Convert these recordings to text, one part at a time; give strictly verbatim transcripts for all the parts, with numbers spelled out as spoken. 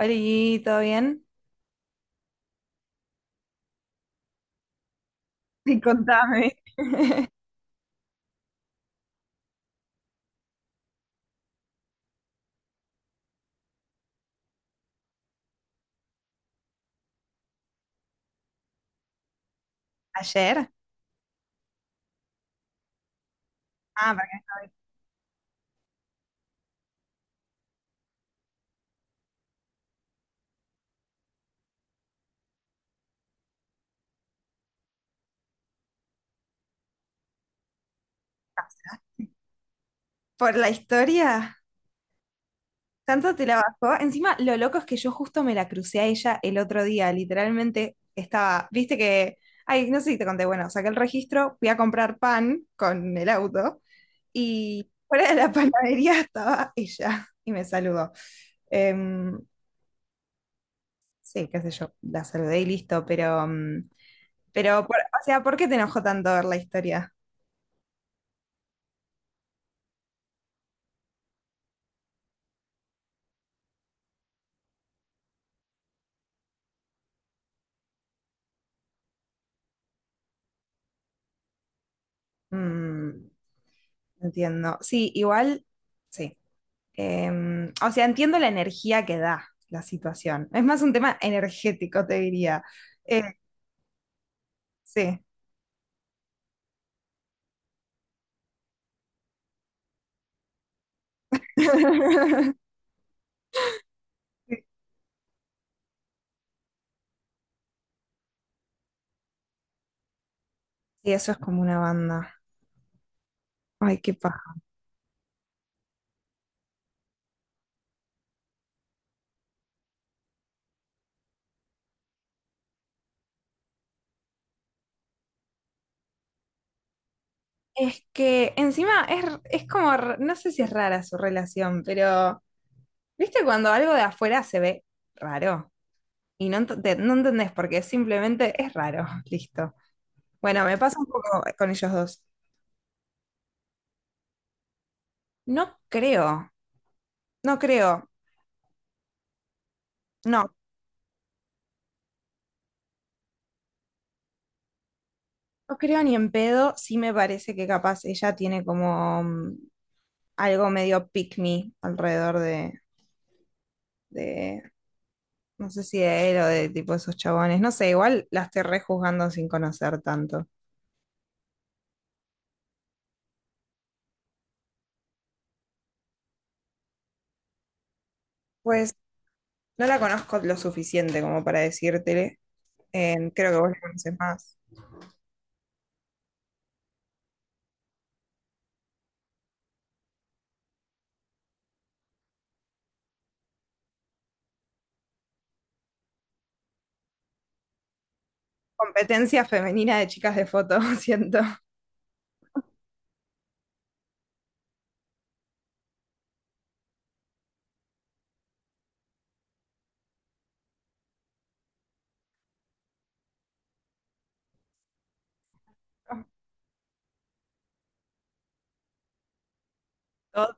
Oli, ¿todo bien? Sí, contame. ¿Ayer? Ah, para- que- por la historia. Tanto te la bajó. Encima, lo loco es que yo justo me la crucé a ella el otro día. Literalmente estaba, viste que, ay, no sé si te conté, bueno, saqué el registro, fui a comprar pan con el auto y fuera de la panadería estaba ella y me saludó. Em, sí, qué sé yo, la saludé y listo, pero, mm, pero, por- o sea, ¿por qué te enojó tanto ver la historia? Mm. Entiendo. Sí, igual, sí. Em, o sea, entiendo la energía que da la situación. Es más un tema energético, te diría. Eh, sí. Sí, eso es como una banda. Ay, qué paja. Es que encima es, r- es como, r- no sé si es rara su relación, pero ¿viste cuando algo de afuera se ve raro? Y no, ent- te- no entendés porque simplemente es raro. Listo. Bueno, me pasa un poco con ellos dos. No creo, no creo. No, No creo ni en pedo, sí me parece que capaz ella tiene como mm, algo medio pick me alrededor de, de, no sé si de él o de tipo esos chabones, no sé, igual la estoy rejuzgando sin conocer tanto. Pues no la conozco lo suficiente como para decírtele, eh, creo que vos la conoces más. Competencia femenina de chicas de foto, siento. Todo-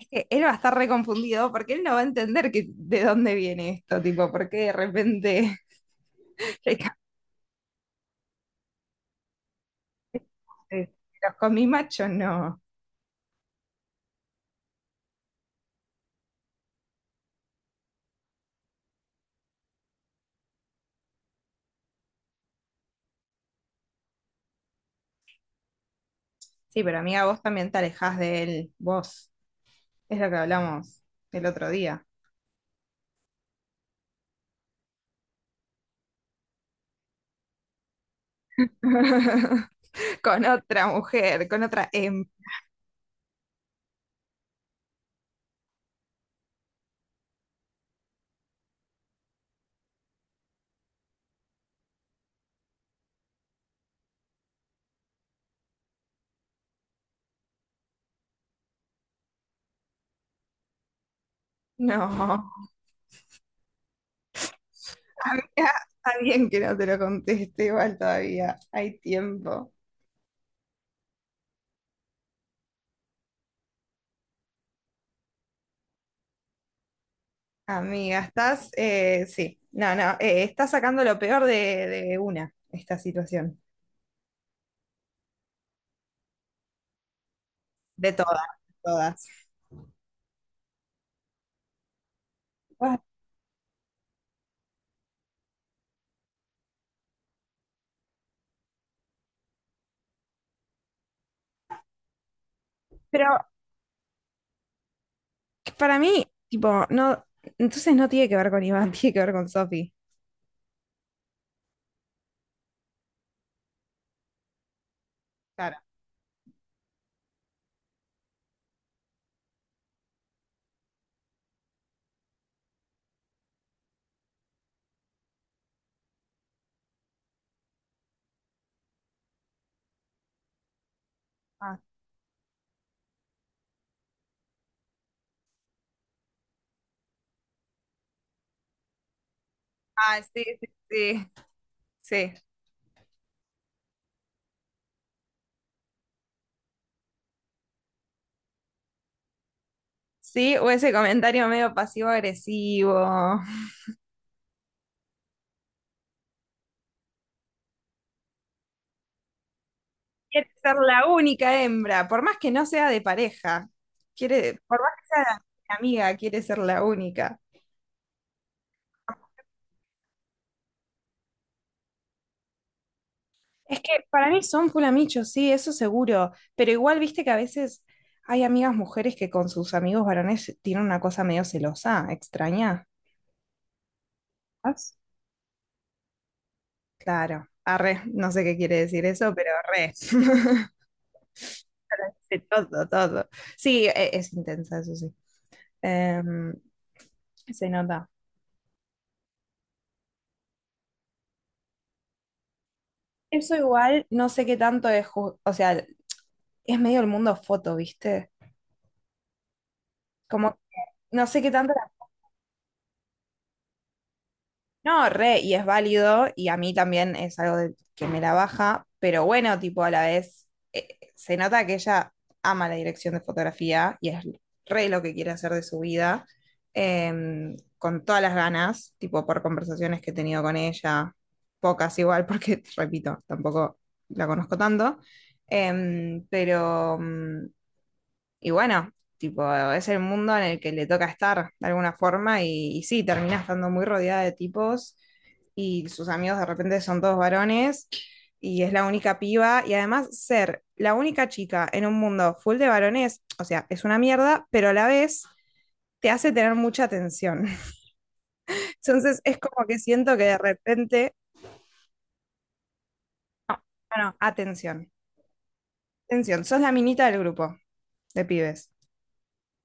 Es que él va a estar reconfundido porque él no va a entender que, de dónde viene esto, tipo, porque de repente ¿le cambié? ¿Los comí macho? No. Sí, pero amiga, vos también te alejás de él, vos. Es lo que hablamos el otro día. Con otra mujer, con otra em. No. Había alguien que no te lo conteste igual todavía. Hay tiempo. Amiga, estás, eh, sí, no, no, eh, estás sacando lo peor de, de una, esta situación. De todas, de todas. Ah, pero para mí, tipo, no, entonces no tiene que ver con Iván, tiene que ver con Sofi. Claro. Ah, ah, sí, sí, sí. Sí. Sí, o ese comentario medio pasivo-agresivo. Quiere ser la única hembra, por más que no sea de pareja, quiere, por más que sea de amiga, quiere ser la única. Es que para mí son fulamichos, sí, eso seguro, pero igual viste que a veces hay amigas mujeres que con sus amigos varones tienen una cosa medio celosa, extraña. ¿Vas? Claro, arre, no sé qué quiere decir eso, pero re. De todo, todo. Sí, e- es, intensa, eso sí. Em, se nota. Eso igual, no sé qué tanto es, ju- o sea, es medio el mundo foto, ¿viste? Como, no sé qué tanto... la- No, re, y es válido, y a mí también es algo de- que me la baja, pero bueno, tipo, a la vez, eh, se nota que ella ama la dirección de fotografía y es re lo que quiere hacer de su vida, em, con todas las ganas, tipo, por conversaciones que he tenido con ella, pocas igual, porque, repito, tampoco la conozco tanto, em, pero... mm, Y bueno, tipo, es el mundo en el que le toca estar de alguna forma y, y sí, termina estando muy rodeada de tipos y sus amigos de repente son todos varones y es la única piba y además ser la única chica en un mundo full de varones, o sea, es una mierda, pero a la vez te hace tener mucha atención. Entonces es como que siento que de repente, no, no, no, atención, atención, sos la minita del grupo de pibes.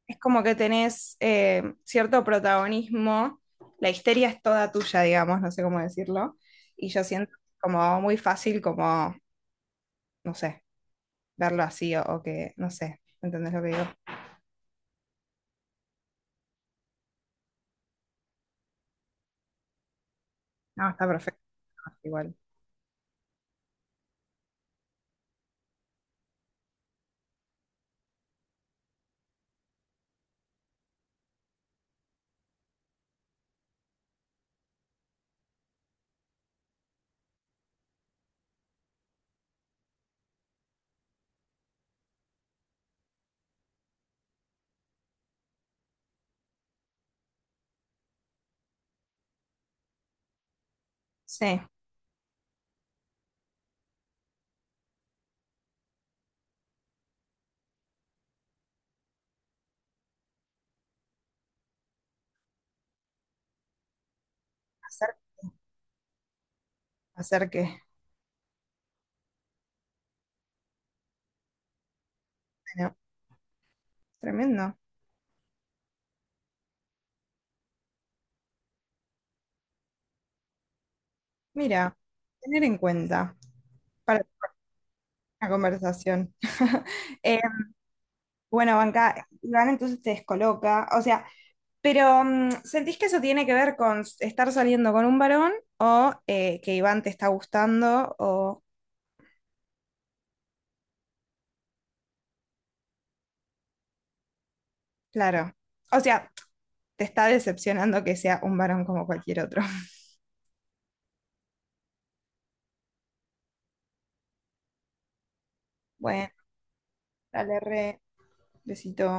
Es como que tenés eh, cierto protagonismo, la histeria es toda tuya, digamos, no sé cómo decirlo, y yo siento como muy fácil como, no sé, verlo así o, o que, no sé, ¿entendés lo que digo? No, está perfecto, igual. Sí, hacer, hacer que, bueno, tremendo. Mira, tener en cuenta para una conversación. Eh, bueno, Banca, Iván entonces te descoloca, o sea, pero, mm, ¿sentís que eso tiene que ver con s- estar saliendo con un varón o eh, que Iván te está gustando o, claro, o sea, te está decepcionando que sea un varón como cualquier otro? Bueno, dale re, besito.